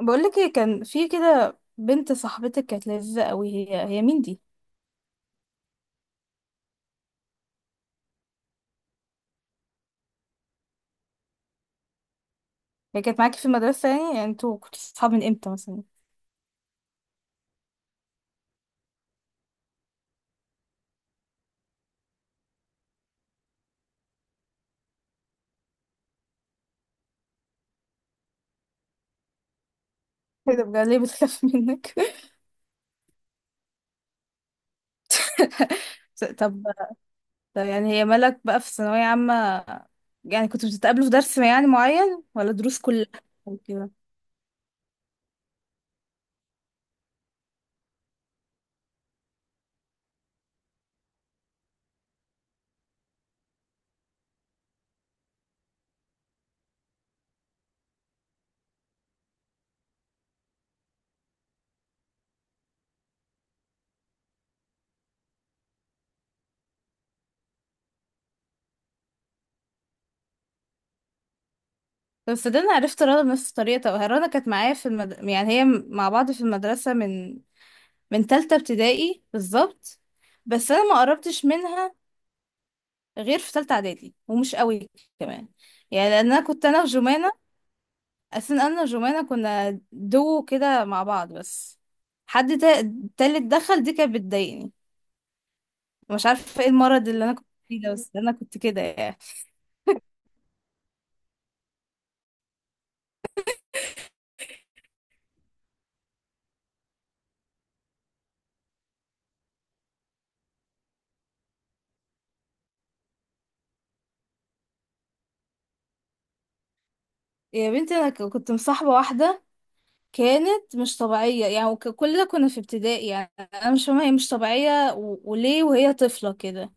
بقولك ايه، كان في كده بنت صاحبتك كانت لذيذة قوي، هي مين دي؟ هي كانت معاكي في المدرسة، يعني انتوا كنتوا صحاب من امتى مثلا؟ ايه ده؟ بجد؟ ليه بتخاف منك؟ طب. طب يعني هي مالك بقى في ثانوية عامة. يعني كنتوا بتتقابلوا في درس يعني معين، ولا دروس كلها؟ أو كده. طب صدقني، عرفت رنا بنفس الطريقة. طب رنا كانت معايا في يعني هي مع بعض في المدرسة من تالتة ابتدائي بالظبط. بس انا ما قربتش منها غير في تالتة اعدادي، ومش قوي كمان. يعني لان انا كنت انا وجمانة. اساسا انا وجمانة كنا دو كده مع بعض بس. حد تا- تالت دخل دي كانت بتضايقني. مش عارفة ايه المرض اللي انا كنت فيه ده، بس انا كنت كده يعني. يا بنتي، انا كنت مصاحبة واحدة. كانت مش طبيعية يعني، كلنا كنا في ابتدائي يعني. انا مش فاهمة هي مش طبيعية، وليه وهي طفلة كده؟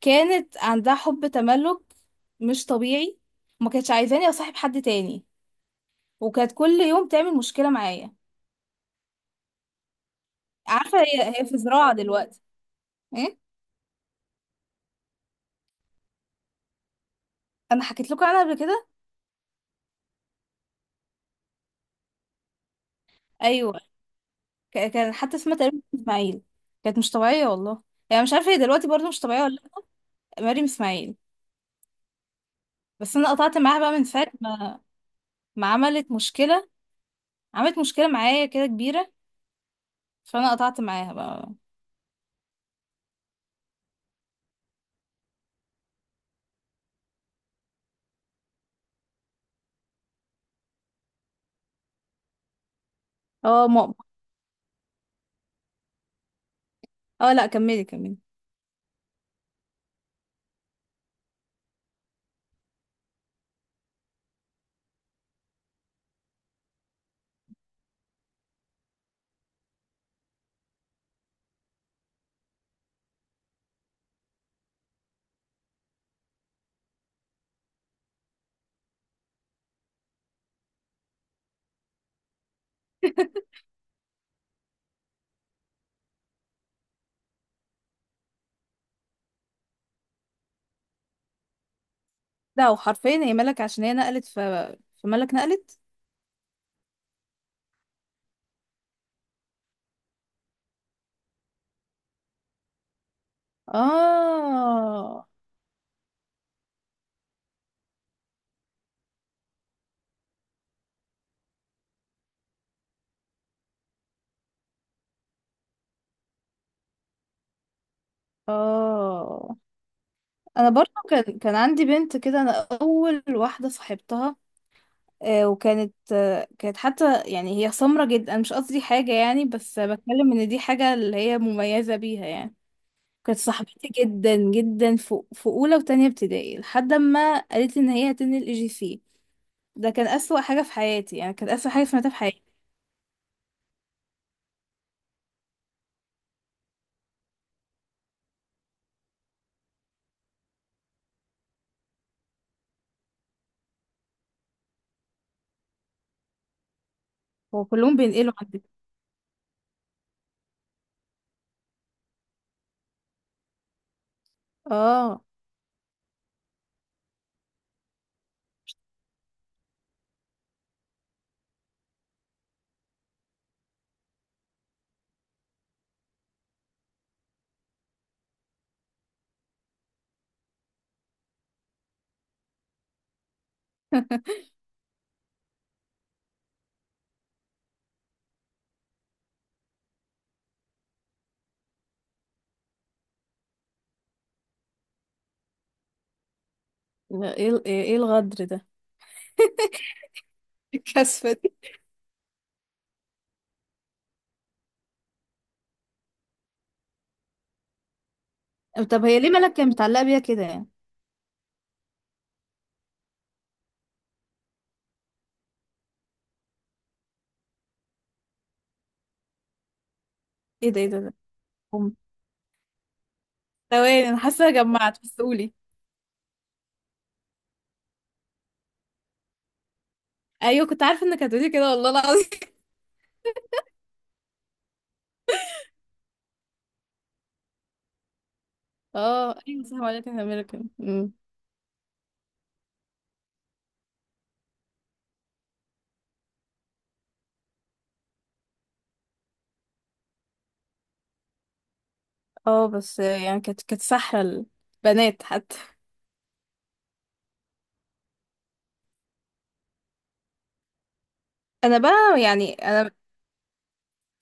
كانت عندها حب تملك مش طبيعي. ما كانتش عايزاني اصاحب حد تاني. وكانت كل يوم تعمل مشكلة معايا. عارفة هي في زراعة دلوقتي؟ ايه. انا حكيت لكم عنها قبل كده. ايوه. كان حتى اسمها تقريبا اسماعيل. كانت مش طبيعية والله. يعني مش عارفة هي دلوقتي برضه مش طبيعية ولا. لأ. مريم اسماعيل. بس انا قطعت معاها بقى، من ساعة ما عملت مشكلة. عملت مشكلة معايا كده كبيرة. فانا قطعت معاها بقى. اه ماما. اه لا، كملي كملي. لا، وحرفيا هي ملك عشان هي نقلت في ملك نقلت. اه، اه. انا برضو كان عندي بنت كده انا. اول واحده صاحبتها. وكانت آه، كانت حتى يعني هي سمرة جدا. أنا مش قصدي حاجه يعني، بس بتكلم ان دي حاجه اللي هي مميزه بيها يعني. كانت صاحبتي جدا جدا في اولى وتانية ابتدائي لحد ما قالت لي ان هي هتنقل اي جي سي. ده كان اسوأ حاجه في حياتي يعني، كانت اسوأ حاجه سمعتها في حياتي. هو كلهم بينقلوا عندي. اه. ايه إيه الغدر ده؟ الكسفة دي. طب هي، ليه مالك كانت متعلقه بيها كده يعني؟ ايه ده؟ ايه ده؟ ده. ثواني، انا حاسه جمعت بس قولي. ايوه، كنت عارفه انك هتقولي كده والله العظيم. اه ايوه صح، ولكن امريكان. اه بس يعني كانت سحله. البنات حتى. انا بقى يعني انا.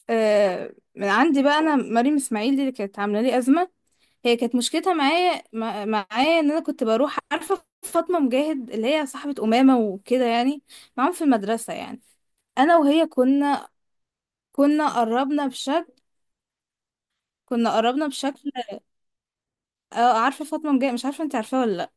من عندي بقى، انا مريم اسماعيل دي اللي كانت عامله لي ازمه. هي كانت مشكلتها معايا ان انا كنت بروح عارفه فاطمه مجاهد اللي هي صاحبه امامه وكده يعني. معاهم في المدرسه يعني. انا وهي كنا قربنا بشكل كنا قربنا بشكل. اه، عارفه فاطمه مجاهد، مش عارفه انت عارفاها ولا لأ.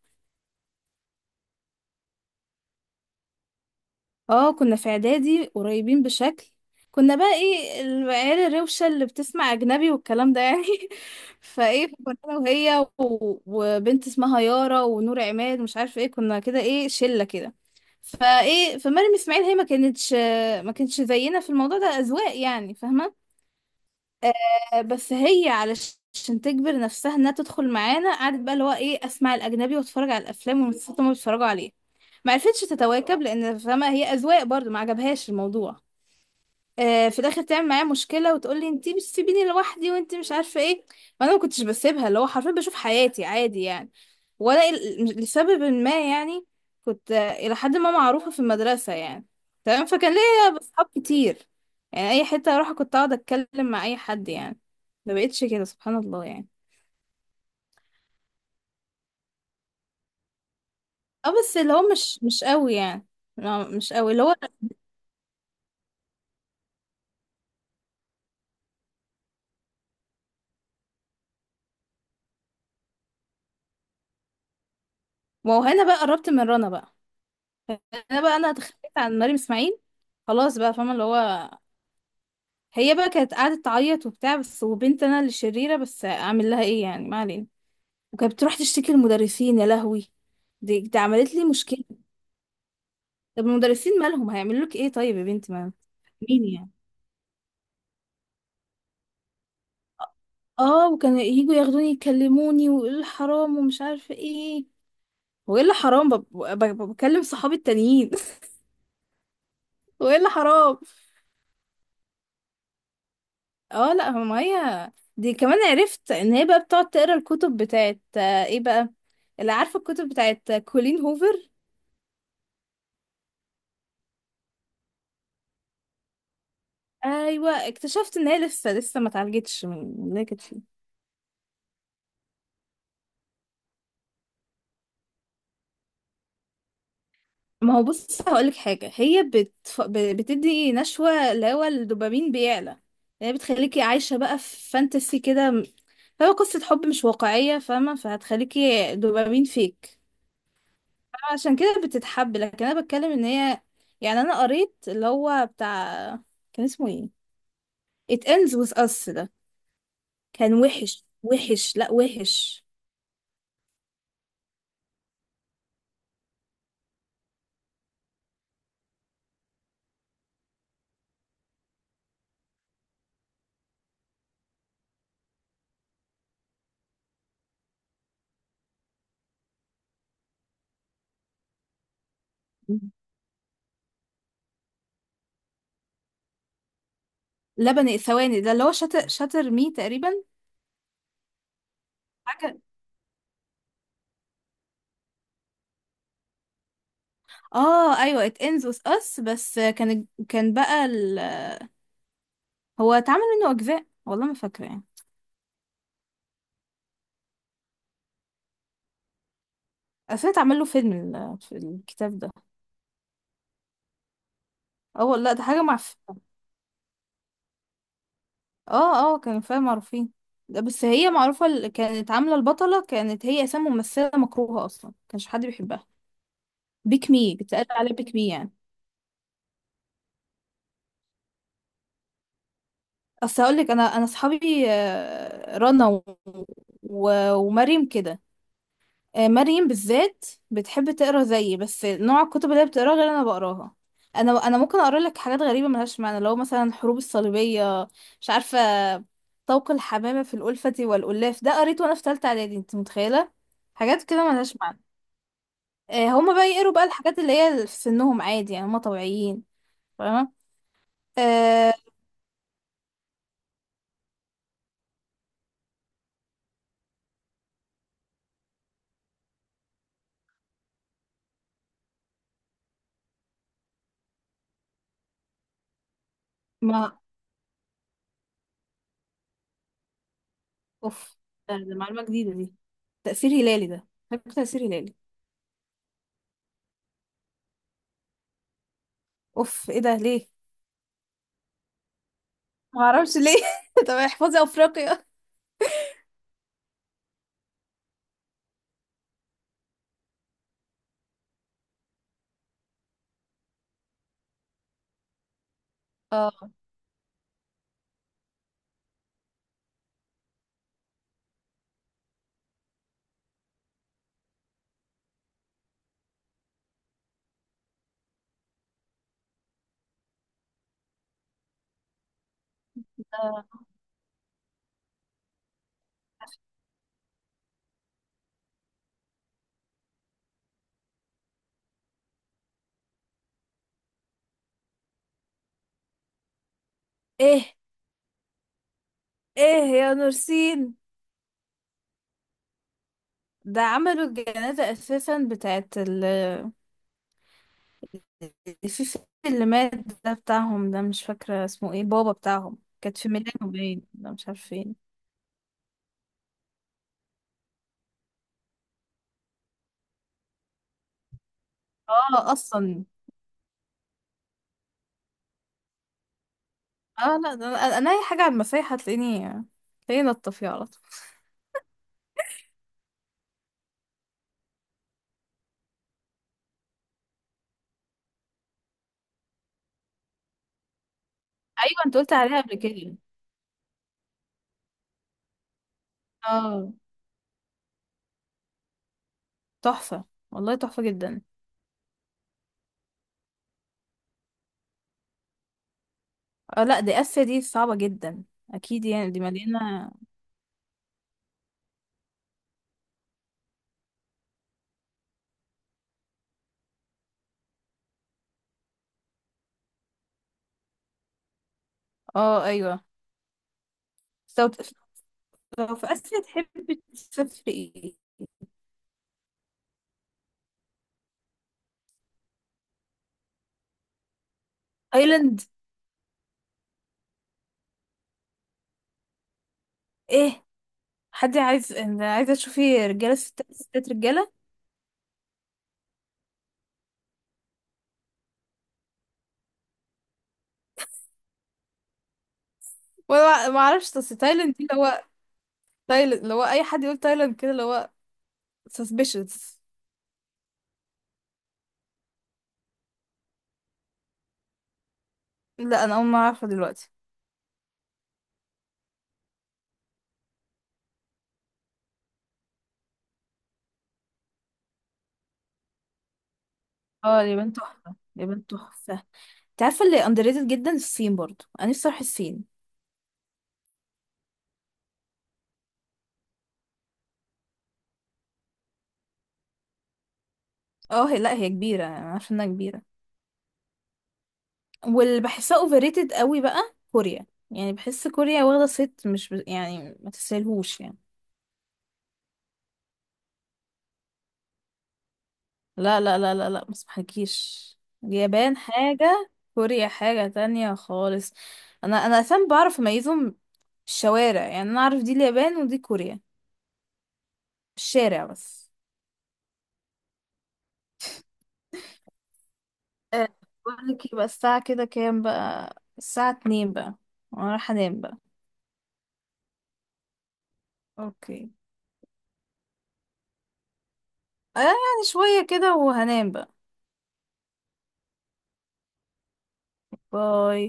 اه، كنا في اعدادي قريبين بشكل. كنا بقى ايه العيال الروشة اللي بتسمع اجنبي والكلام ده يعني. فايه، كنا انا وهي و- وبنت اسمها يارا ونور عماد ومش عارفه ايه، كنا كده ايه شلة كده. فايه، فمريم اسماعيل هي ما كانتش زينا في الموضوع ده اذواق يعني، فاهمه؟ بس هي علشان تجبر نفسها انها تدخل معانا، قعدت بقى اللي هو ايه اسمع الاجنبي واتفرج على الافلام والمسلسلات اللي هما بيتفرجوا عليها. ما عرفتش تتواكب، لان فما هي اذواق برضو ما عجبهاش الموضوع. في الاخر تعمل معايا مشكله وتقول لي انتي بتسيبيني لوحدي وانتي مش عارفه ايه. وانا ما كنتش بسيبها، اللي هو حرفيا بشوف حياتي عادي يعني. ولا لسبب ما يعني. كنت الى حد ما معروفه في المدرسه يعني. تمام، فكان ليا اصحاب كتير. يعني اي حته اروح كنت اقعد اتكلم مع اي حد يعني. ما بقتش كده سبحان الله يعني. اه بس اللي هو مش قوي يعني. مش قوي اللي هو. ما هو هنا بقى، قربت من رنا بقى. انا بقى، انا اتخليت عن مريم اسماعيل. خلاص بقى، فاهمه اللي هو. هي بقى كانت قعدت تعيط وبتاع بس، وبنت انا اللي شريره، بس اعمل لها ايه يعني، ما علينا. وكانت بتروح تشتكي للمدرسين، يا لهوي. دي عملت لي مشكله. طب المدرسين مالهم هيعملوا لك ايه طيب يا بنتي، ما. مين يعني. اه، وكانوا يجوا ياخدوني يكلموني ويقولوا لي حرام ومش عارفه ايه. وايه اللي حرام؟ بكلم صحابي التانيين. وايه اللي حرام. اه لا، هو مية دي كمان عرفت ان هي بقى بتقعد تقرا الكتب بتاعت ايه بقى. اللي عارفه الكتب بتاعت كولين هوفر. ايوه، اكتشفت ان هي لسه لسه ما اتعالجتش من اللي هي كانت فيه. ما هو بص هقولك حاجه، هي بتدي نشوه، اللي هو الدوبامين بيعلى. هي بتخليكي عايشه بقى في فانتسي كده. هو قصه حب مش واقعيه، فاهمه؟ فهتخليكي دوبامين فيك. عشان كده بتتحب، لكن انا بتكلم ان هي. يعني انا قريت اللي هو بتاع. كان اسمه ايه. It ends with us ده. كان وحش وحش، لا وحش. لبن الثواني ده اللي هو شاتر شاتر مي تقريبا. حاجة. اه ايوه، It ends with us، بس كان بقى. هو اتعمل منه اجزاء والله، ما فاكرة يعني. اصل اتعمل له فيلم في الكتاب ده. اه والله، ده حاجة معفنة. اه، اه، كان فيها معروفين. ده، بس هي معروفة كانت عاملة البطلة، كانت هي اساسا ممثلة مكروهة اصلا، كانش حد بيحبها. بيك مي بتقال عليها بيك مي يعني. اصل هقولك، انا اصحابي رنا و... و... ومريم كده. مريم بالذات بتحب تقرا زيي، بس نوع الكتب اللي هي بتقراها غير انا بقراها. انا ممكن اقرا لك حاجات غريبه ملهاش معنى، لو مثلا حروب الصليبيه. مش عارفه. طوق الحمامه في الألفة والألاف، ده قريته وانا في ثالثه اعدادي، انت متخيله؟ حاجات كده ملهاش معنى. هما بقى يقروا بقى الحاجات اللي هي في سنهم عادي يعني، هما طبيعيين. فاهمه. آه ما اوف، ده معلومه جديده دي. تأثير هلالي ده، بحب تأثير هلالي. اوف، ايه ده؟ ليه؟ ما اعرفش ليه. طب احفظي افريقيا. اه ده- ايه. ايه. يا نورسين. ده عملوا الجنازة اساسا بتاعت في اللي مات. ده بتاعهم، ده مش فاكرة اسمه ايه، بابا بتاعهم، كانت في ميلانو باين، ده مش عارفة فين. اه اصلا. اه لا، ده انا اي حاجة على المسيح هتلاقيني نطة فيها على طول. ايوه، انت قلت عليها قبل كده. اه، تحفة. والله تحفة جدا. اه لا، دي اسيا دي صعبة جدا. اكيد يعني، دي مليانة. اه، ايوه. لو في آسيا تحبي تسافري ايه؟ ايلاند؟ ايه؟ حد عايز، أنا عايزة تشوفي رجالة ستات ستات رجالة؟ وانا ما اعرفش، اصل تايلاند دي اللي هو تايلاند اللي هو اي حد يقول تايلاند كده اللي هو suspicious. لا انا اول ما اعرفها دلوقتي. اه، اليابان تحفة، اليابان تحفة. انت عارفة اللي underrated جدا، الصين، برضو انا نفسي اروح الصين. اه هي، لا هي كبيرة، انا عارفة انها كبيرة. واللي بحسها overrated قوي بقى كوريا. يعني بحس كوريا واخدة صيت مش يعني ما تستاهلهوش يعني. لا، لا، لا، لا، لا، ما اسمحكيش. اليابان حاجة. كوريا حاجة تانية خالص. انا فاهم بعرف اميزهم. الشوارع يعني، انا اعرف دي اليابان ودي كوريا. الشارع بس. آه، بقولك يبقى الساعة كده كام؟ بقى الساعة 2 بقى. وانا رايحة انام بقى. اوكي. آه يعني شوية كده، وهنام بقى. باي.